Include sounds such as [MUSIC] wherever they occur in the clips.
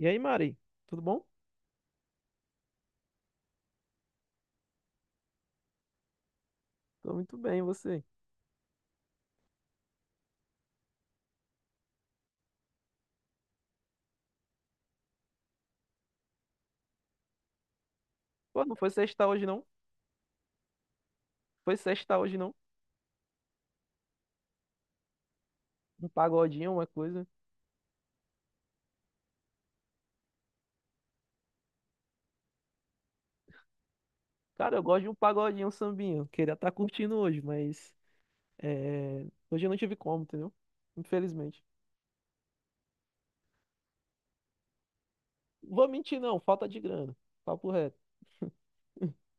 E aí, Mari? Tudo bom? Tô muito bem, e você? Pô, não foi sexta hoje, não? Foi sexta hoje, não? Um pagodinho, uma coisa. Cara, eu gosto de um pagodinho, um sambinho. Queria estar curtindo hoje, mas é, hoje eu não tive como, entendeu? Infelizmente. Vou mentir, não. Falta de grana. Papo reto. [LAUGHS]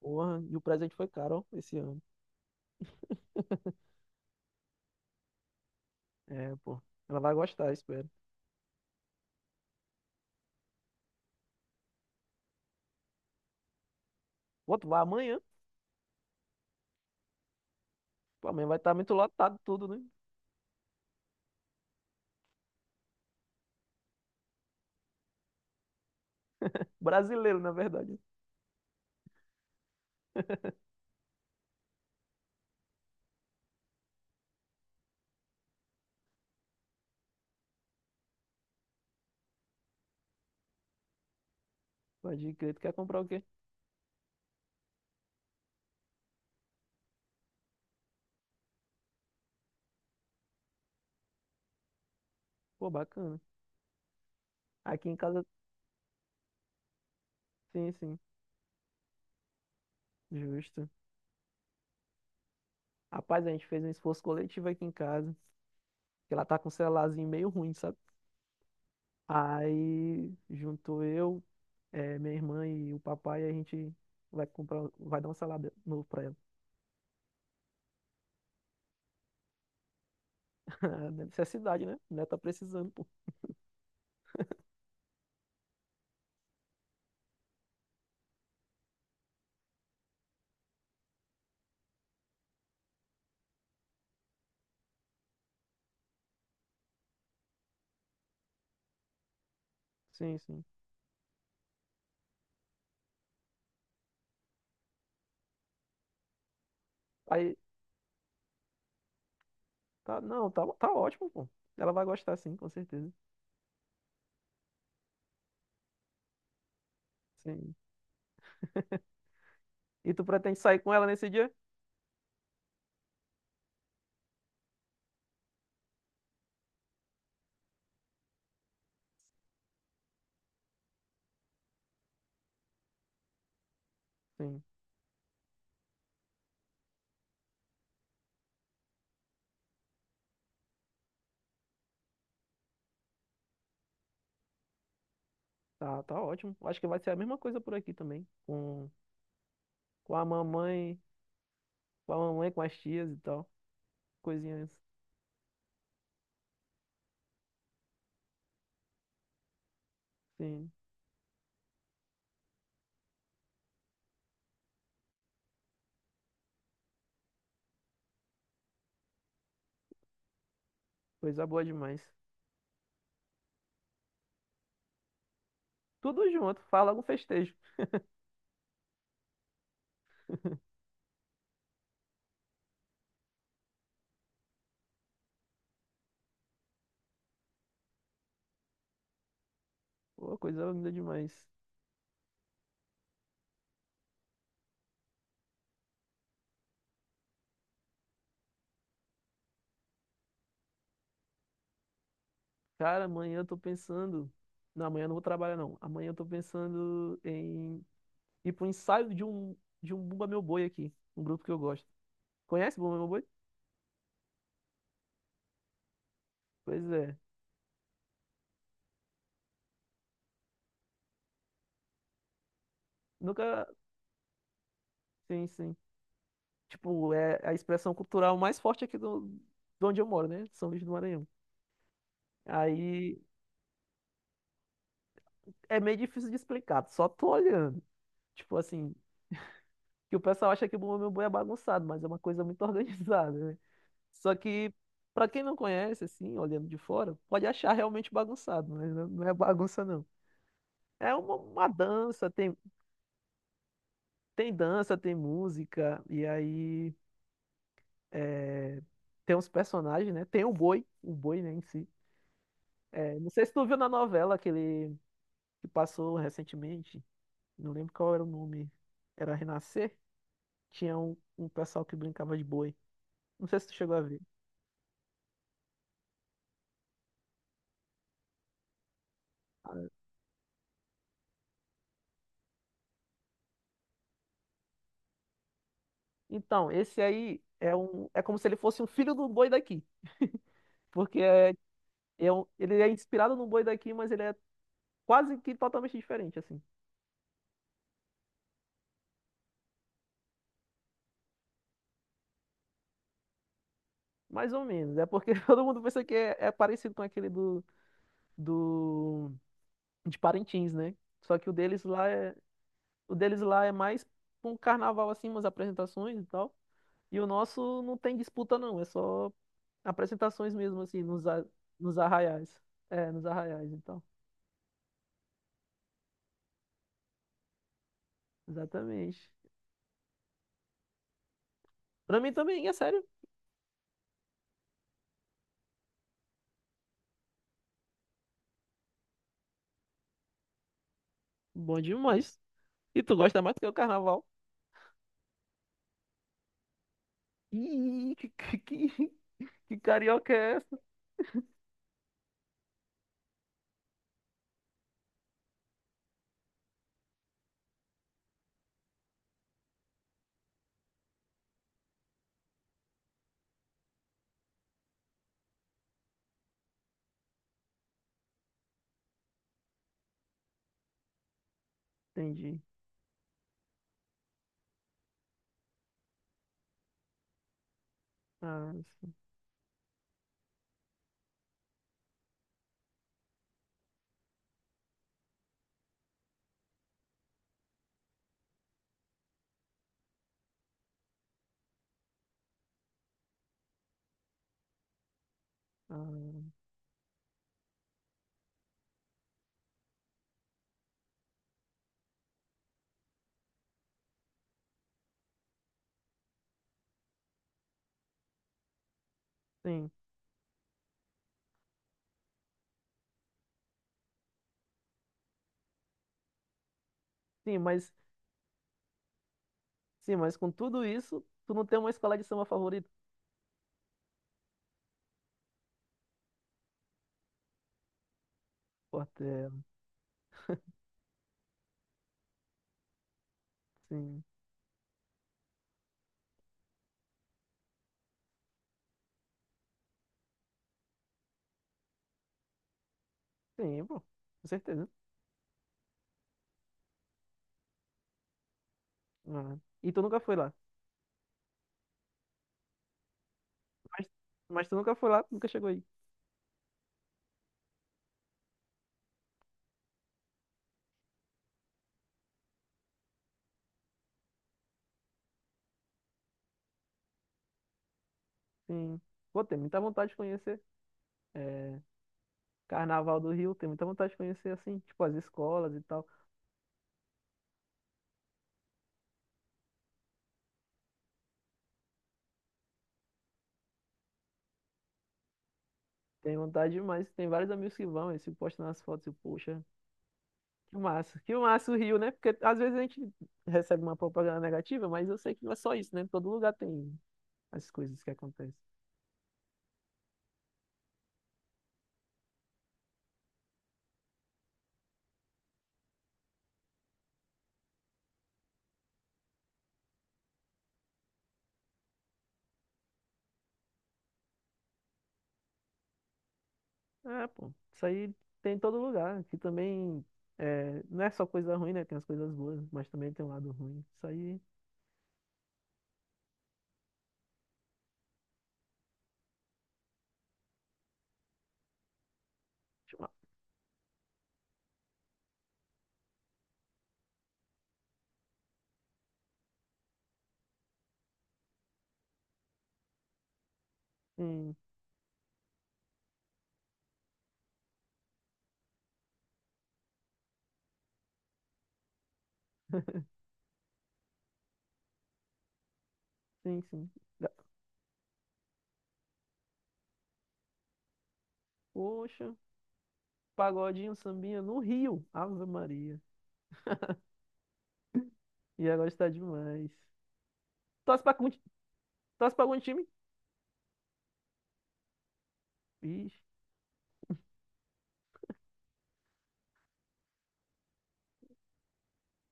Porra, e o presente foi caro, ó, esse ano. É, pô. Ela vai gostar, espero. Pô, tu vai amanhã? Pô, amanhã vai estar muito lotado tudo, né? Brasileiro, na verdade. [LAUGHS] Pode crer, tu quer comprar o quê? Pô, bacana. Aqui em casa, sim, sim. Justo. Rapaz, a gente fez um esforço coletivo aqui em casa, que ela tá com um celularzinho meio ruim, sabe? Aí juntou eu, minha irmã e o papai, e a gente vai comprar, vai dar um celular novo pra ela. [LAUGHS] Necessidade, né? Ela tá precisando, pô. Sim, sim. Aí, tá, não, tá, tá ótimo, pô. Ela vai gostar, sim, com certeza. Sim. E tu pretende sair com ela nesse dia? Sim. Tá, tá ótimo. Acho que vai ser a mesma coisa por aqui também, com, com a mamãe, com a mamãe, com as tias e tal. Coisinhas. Sim, coisa boa demais. Tudo junto, fala algum festejo. [LAUGHS] Pô, coisa linda demais. Cara, amanhã eu tô pensando. Não, amanhã eu não vou trabalhar, não. Amanhã eu tô pensando em ir pro ensaio de um Bumba Meu Boi aqui. Um grupo que eu gosto. Conhece Bumba Meu Boi? Pois é. Nunca. Sim, sim. Tipo, é a expressão cultural mais forte aqui do, de onde eu moro, né? São Luís do Maranhão. Aí é meio difícil de explicar, só tô olhando. Tipo assim, que o pessoal acha que o Bumblebee Boi é bagunçado, mas é uma coisa muito [LAUGHS] organizada, né? Só que, pra quem não conhece, assim, olhando de fora, pode achar realmente bagunçado, mas não é bagunça, não. É uma dança, tem, tem dança, tem música, e aí é, tem uns personagens, né? Tem o boi, né, em si. É, não sei se tu viu na novela que ele que passou recentemente, não lembro qual era o nome, era Renascer? Tinha um, um pessoal que brincava de boi. Não sei se tu chegou a ver. Então, esse aí é um, é como se ele fosse um filho do boi daqui, porque é, é um- ele é inspirado no boi daqui, mas ele é quase que totalmente diferente, assim. Mais ou menos. É porque [LAUGHS] todo mundo pensa que é, é parecido com aquele do, do de Parintins, né? Só que o deles lá é, o deles lá é mais um carnaval assim, umas apresentações e tal. E o nosso não tem disputa não, é só apresentações mesmo assim nos a- nos arraiais. É, nos arraiais, então. Exatamente. Pra mim também, é sério. Bom demais. E tu gosta mais do que o carnaval? Ih, que, [LAUGHS] que carioca é essa? Entendi. Ah, sim. Ah, sim. Sim, mas, sim, mas com tudo isso, tu não tem uma escola de samba favorita? Portela. Sim. Sim, pô. Com certeza. Ah, e tu nunca foi lá? Mas, mas tu nunca foi lá, nunca chegou aí. Sim. Pô, tem muita vontade de conhecer. É, Carnaval do Rio, tem muita vontade de conhecer, assim, tipo, as escolas e tal. Tem vontade demais. Tem vários amigos que vão, eles se postam nas fotos e, poxa. Que massa o Rio, né? Porque às vezes a gente recebe uma propaganda negativa, mas eu sei que não é só isso, né? Todo lugar tem as coisas que acontecem. É, pô, isso aí tem em todo lugar. Aqui também é, não é só coisa ruim, né? Tem as coisas boas, mas também tem um lado ruim. Isso aí. Deixa eu- lá. Sim, sim, sim. Ga- Poxa, pagodinho, sambinha no Rio. Ave Maria. Ia gostar demais. Torce pra, algum ti- torce pra algum time? Ixi,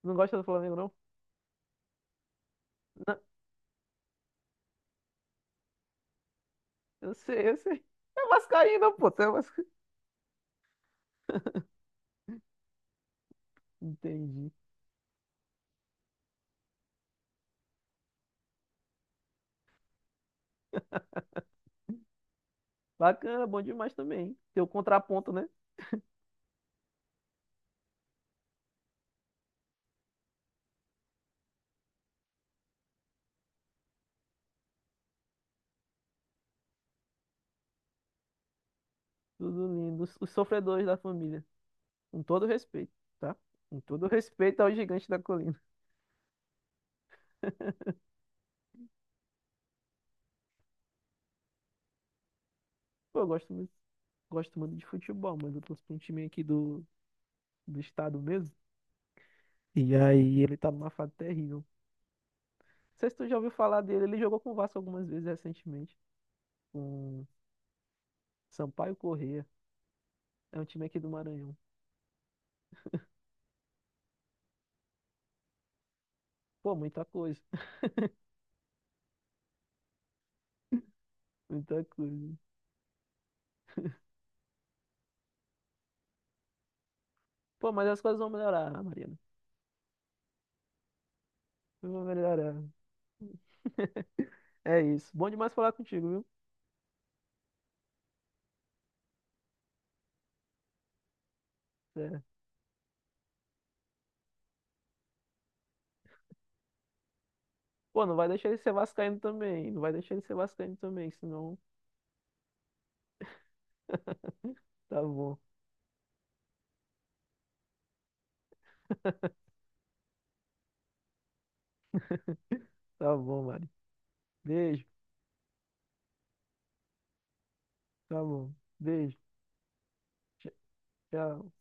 não gosta do Flamengo, não? Não, eu sei, eu sei. É vascaíno, pô, tu é. Entendi. Bacana, bom demais também. Teu contraponto, né? Tudo lindo. Os sofredores da família. Com todo respeito, tá? Com todo [LAUGHS] respeito ao gigante da colina. Pô, eu gosto muito de futebol, mas eu torço pra um time aqui do, do estado mesmo. E aí ele tá numa fase terrível. Não sei se tu já ouviu falar dele. Ele jogou com o Vasco algumas vezes recentemente. Com Sampaio Corrêa. É um time aqui do Maranhão. Pô, muita coisa. [LAUGHS] Muita coisa. Pô, mas as coisas vão melhorar, Mariana. Vão melhorar. [LAUGHS] É isso. Bom demais falar contigo, viu? É. Pô, não vai deixar ele ser vascaíno também. Não vai deixar ele ser vascaíno também, senão. [LAUGHS] Tá bom. Tá bom, Mari. Beijo. Tá bom. Beijo. Tch- Tchau.